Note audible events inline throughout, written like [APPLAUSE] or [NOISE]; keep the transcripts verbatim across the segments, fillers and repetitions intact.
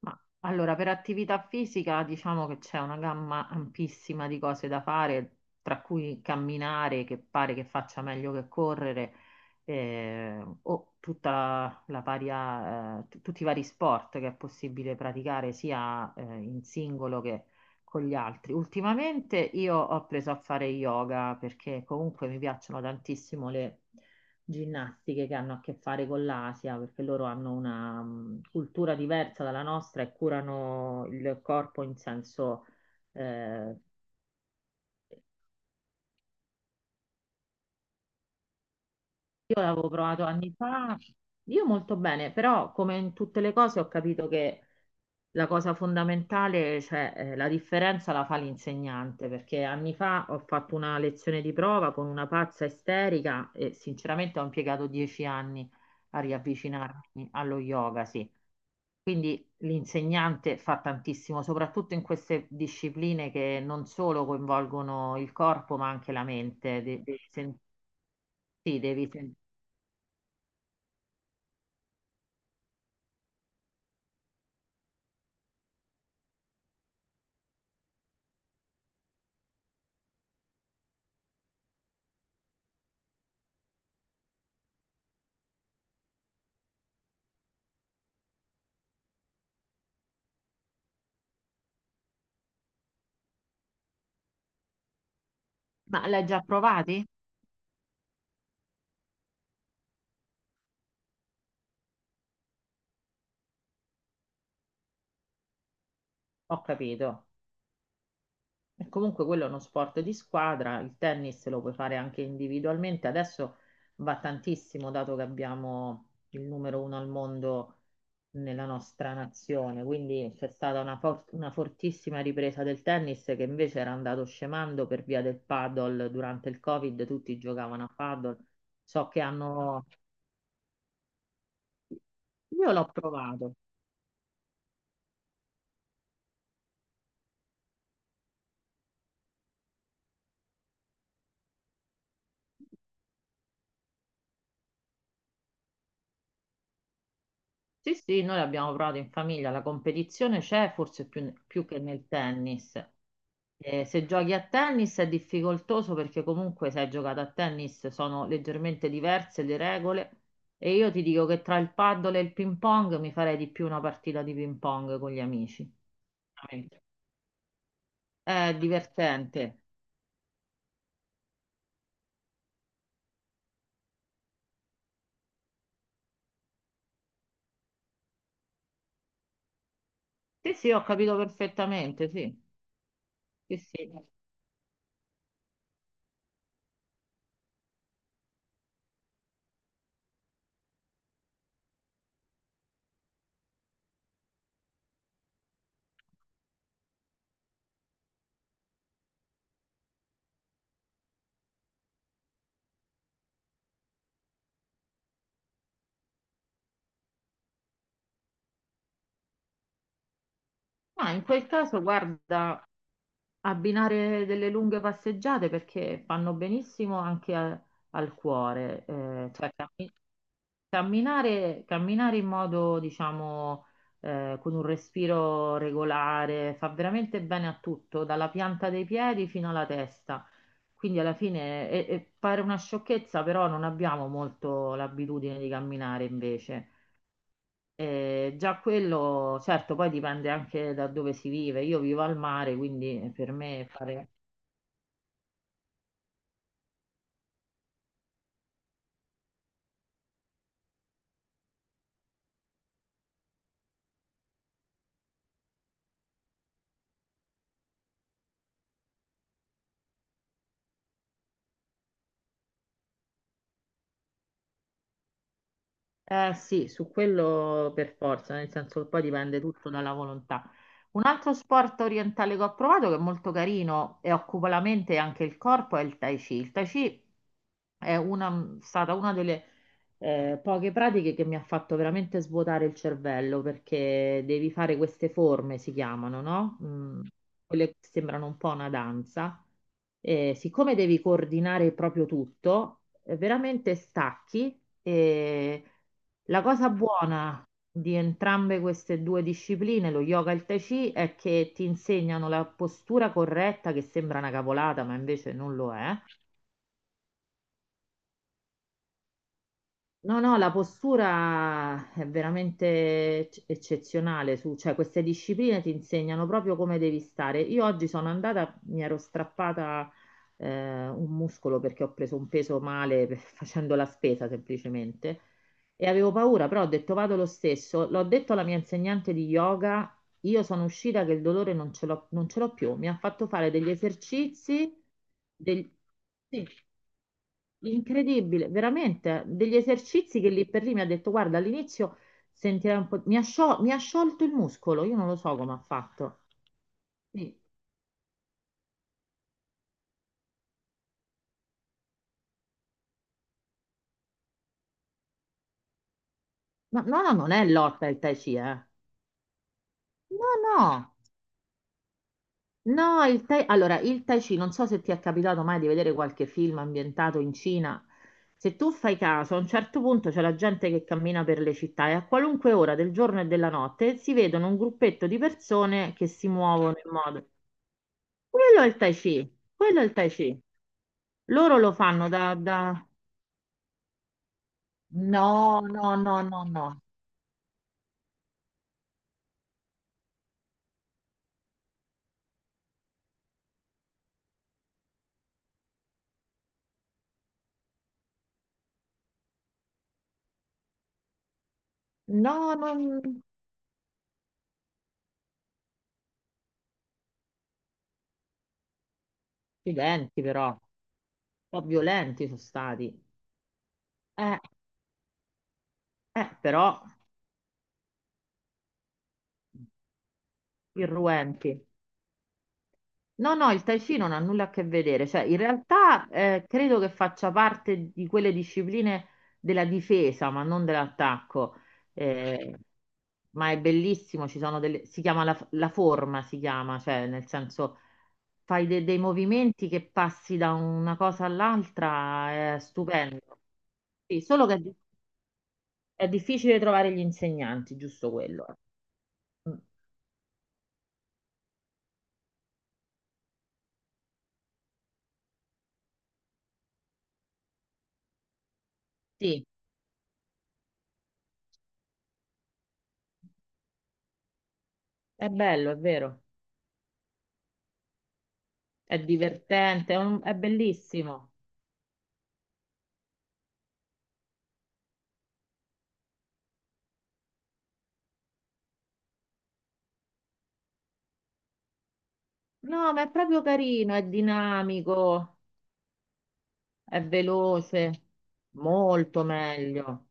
Ma allora, per attività fisica diciamo che c'è una gamma ampissima di cose da fare, tra cui camminare, che pare che faccia meglio che correre, eh, o tutta la, la varia, eh, t- tutti i vari sport che è possibile praticare sia eh, in singolo che con gli altri. Ultimamente io ho preso a fare yoga perché comunque mi piacciono tantissimo le ginnastiche che hanno a che fare con l'Asia, perché loro hanno una mh, cultura diversa dalla nostra e curano il corpo in senso... eh, io l'avevo provato anni fa, io molto bene, però come in tutte le cose ho capito che la cosa fondamentale, cioè eh, la differenza la fa l'insegnante, perché anni fa ho fatto una lezione di prova con una pazza isterica e sinceramente ho impiegato dieci anni a riavvicinarmi allo yoga, sì. Quindi l'insegnante fa tantissimo, soprattutto in queste discipline che non solo coinvolgono il corpo, ma anche la mente. De- devi sen- sì, devi sen- ma l'hai già provati? Ho capito. E comunque quello è uno sport di squadra, il tennis lo puoi fare anche individualmente, adesso va tantissimo dato che abbiamo il numero uno al mondo nella nostra nazione, quindi c'è stata una, for- una fortissima ripresa del tennis che invece era andato scemando per via del paddle durante il Covid, tutti giocavano a paddle, so che hanno... Io l'ho provato, sì sì, noi l'abbiamo provato in famiglia, la competizione c'è forse più più che nel tennis. Eh, se giochi a tennis è difficoltoso perché comunque se hai giocato a tennis sono leggermente diverse le regole e io ti dico che tra il paddle e il ping pong mi farei di più una partita di ping pong con gli amici. Veramente. È divertente. Sì, sì, ho capito perfettamente, sì. Sì, sì. Ma in quel caso, guarda, abbinare delle lunghe passeggiate perché fanno benissimo anche a- al cuore, eh, cioè cammi- camminare, camminare in modo, diciamo, eh, con un respiro regolare fa veramente bene a tutto, dalla pianta dei piedi fino alla testa. Quindi alla fine e- e pare una sciocchezza, però non abbiamo molto l'abitudine di camminare invece. Eh, già quello, certo, poi dipende anche da dove si vive. Io vivo al mare, quindi per me fare eh sì, su quello per forza, nel senso che poi dipende tutto dalla volontà. Un altro sport orientale che ho provato, che è molto carino e occupa la mente e anche il corpo, è il Tai Chi. Il Tai Chi è una- stata una delle eh, poche pratiche che mi ha fatto veramente svuotare il cervello perché devi fare queste forme, si chiamano, no? Mm, quelle che sembrano un po' una danza. E siccome devi coordinare proprio tutto, eh, veramente stacchi e la cosa buona di entrambe queste due discipline, lo yoga e il tai chi, è che ti insegnano la postura corretta che sembra una cavolata, ma invece non lo è. No, no, la postura è veramente ec- eccezionale, su, cioè queste discipline ti insegnano proprio come devi stare. Io oggi sono andata, mi ero strappata eh, un muscolo perché ho preso un peso male per- [LAUGHS] facendo la spesa semplicemente e avevo paura, però ho detto vado lo stesso, l'ho detto alla mia insegnante di yoga, io sono uscita che il dolore non ce l'ho non ce l'ho più, mi ha fatto fare degli esercizi, del- sì. Incredibile, veramente, degli esercizi che lì per lì mi ha detto, guarda, all'inizio sentirai un po', mi ha, sciol- mi ha sciolto il muscolo, io non lo so come ha fatto. Sì. Ma no, no, non è lotta il Tai Chi, eh. No, no, no, il tai... allora, il Tai Chi, non so se ti è capitato mai di vedere qualche film ambientato in Cina, se tu fai caso, a un certo punto c'è la gente che cammina per le città e a qualunque ora del giorno e della notte si vedono un gruppetto di persone che si muovono in modo... Quello è il Tai Chi, quello è il Tai Chi. Loro lo fanno da, da- No, no, no, no, no. No, non... Accidenti però, un po' violenti sono stati. Eh, eh, però irruenti. No, no, il Tai Chi non ha nulla a che vedere, cioè in realtà eh, credo che faccia parte di quelle discipline della difesa, ma non dell'attacco. Eh, ma è bellissimo, ci sono delle... si chiama la, la forma, si chiama, cioè nel senso fai de- dei movimenti che passi da una cosa all'altra, è stupendo. Sì, solo che è, di- è difficile trovare gli insegnanti, giusto quello. Mm, sì, è bello, è vero, è divertente, è un- è bellissimo. No, ma è proprio carino, è dinamico, è veloce, molto meglio.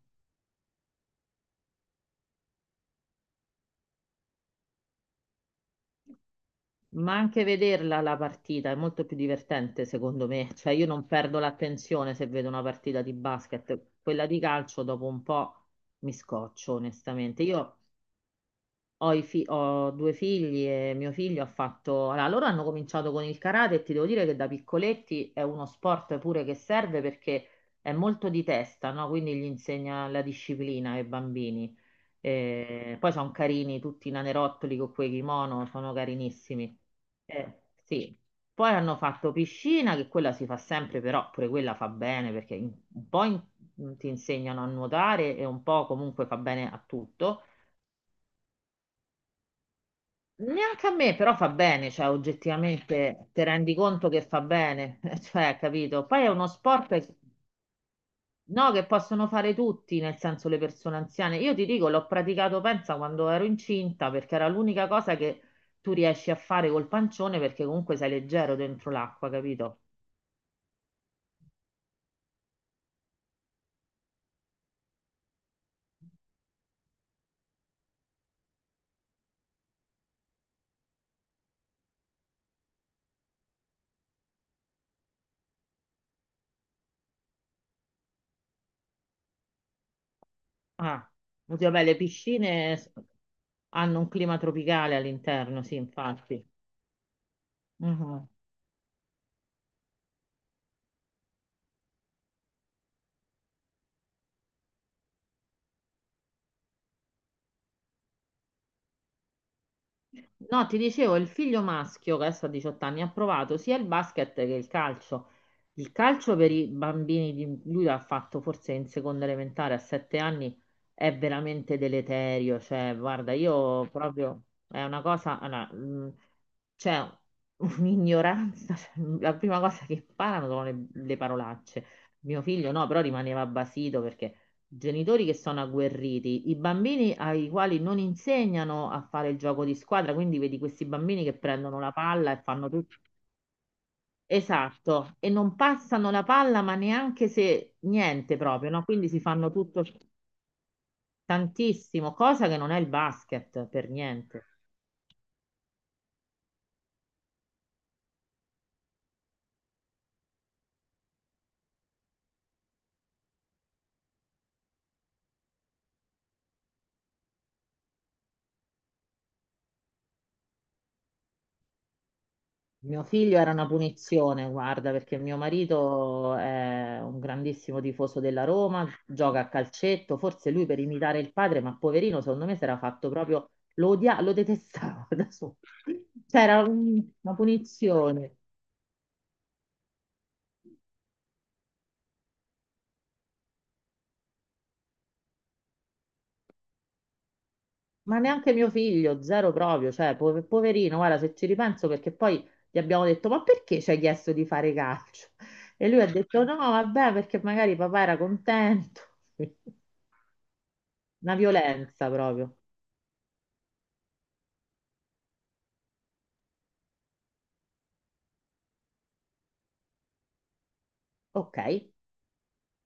Ma anche vederla la partita è molto più divertente, secondo me. Cioè, io non perdo l'attenzione se vedo una partita di basket. Quella di calcio dopo un po' mi scoccio, onestamente. Io Ho, i fi- ho due figli e mio figlio ha fatto... Allora, loro hanno cominciato con il karate e ti devo dire che da piccoletti è uno sport pure che serve perché è molto di testa, no? Quindi gli insegna la disciplina ai bambini. Eh, poi sono carini tutti i nanerottoli con quei kimono, sono carinissimi. Eh, sì. Poi hanno fatto piscina, che quella si fa sempre, però pure quella fa bene perché in- un po' in- ti insegnano a nuotare e un po' comunque fa bene a tutto. Neanche a me, però fa bene, cioè oggettivamente ti rendi conto che fa bene, [LAUGHS] cioè, capito? Poi è uno sport che- no, che possono fare tutti, nel senso le persone anziane. Io ti dico, l'ho praticato, pensa, quando ero incinta, perché era l'unica cosa che tu riesci a fare col pancione, perché comunque sei leggero dentro l'acqua, capito? Ah, così, vabbè, le piscine s- hanno un clima tropicale all'interno, sì, infatti. Mhm. No, ti dicevo, il figlio maschio che adesso ha diciotto anni ha provato sia il basket che il calcio. Il calcio per i bambini, di... lui l'ha fatto forse in seconda elementare a sette anni, è veramente deleterio. Cioè, guarda, io proprio è una cosa, allora, mh, c'è un'ignoranza. [LAUGHS] Cioè, la prima cosa che imparano sono le, le parolacce. Mio figlio no, però rimaneva basito perché genitori che sono agguerriti, i bambini ai quali non insegnano a fare il gioco di squadra, quindi vedi questi bambini che prendono la palla e fanno tutto. Esatto, e non passano la palla, ma neanche se niente proprio, no? Quindi si fanno tutto tantissimo, cosa che non è il basket per niente. Mio figlio era una punizione, guarda, perché mio marito è un grandissimo tifoso della Roma, gioca a calcetto, forse lui per imitare il padre, ma poverino, secondo me si era fatto proprio, lo odia, lo detestava [LAUGHS] da solo. C'era una punizione, ma neanche mio figlio, zero proprio, cioè, po- poverino, guarda, se ci ripenso, perché poi gli abbiamo detto, ma perché ci hai chiesto di fare calcio? E lui ha detto, no, vabbè, perché magari papà era contento. [LAUGHS] Una violenza proprio. Ok.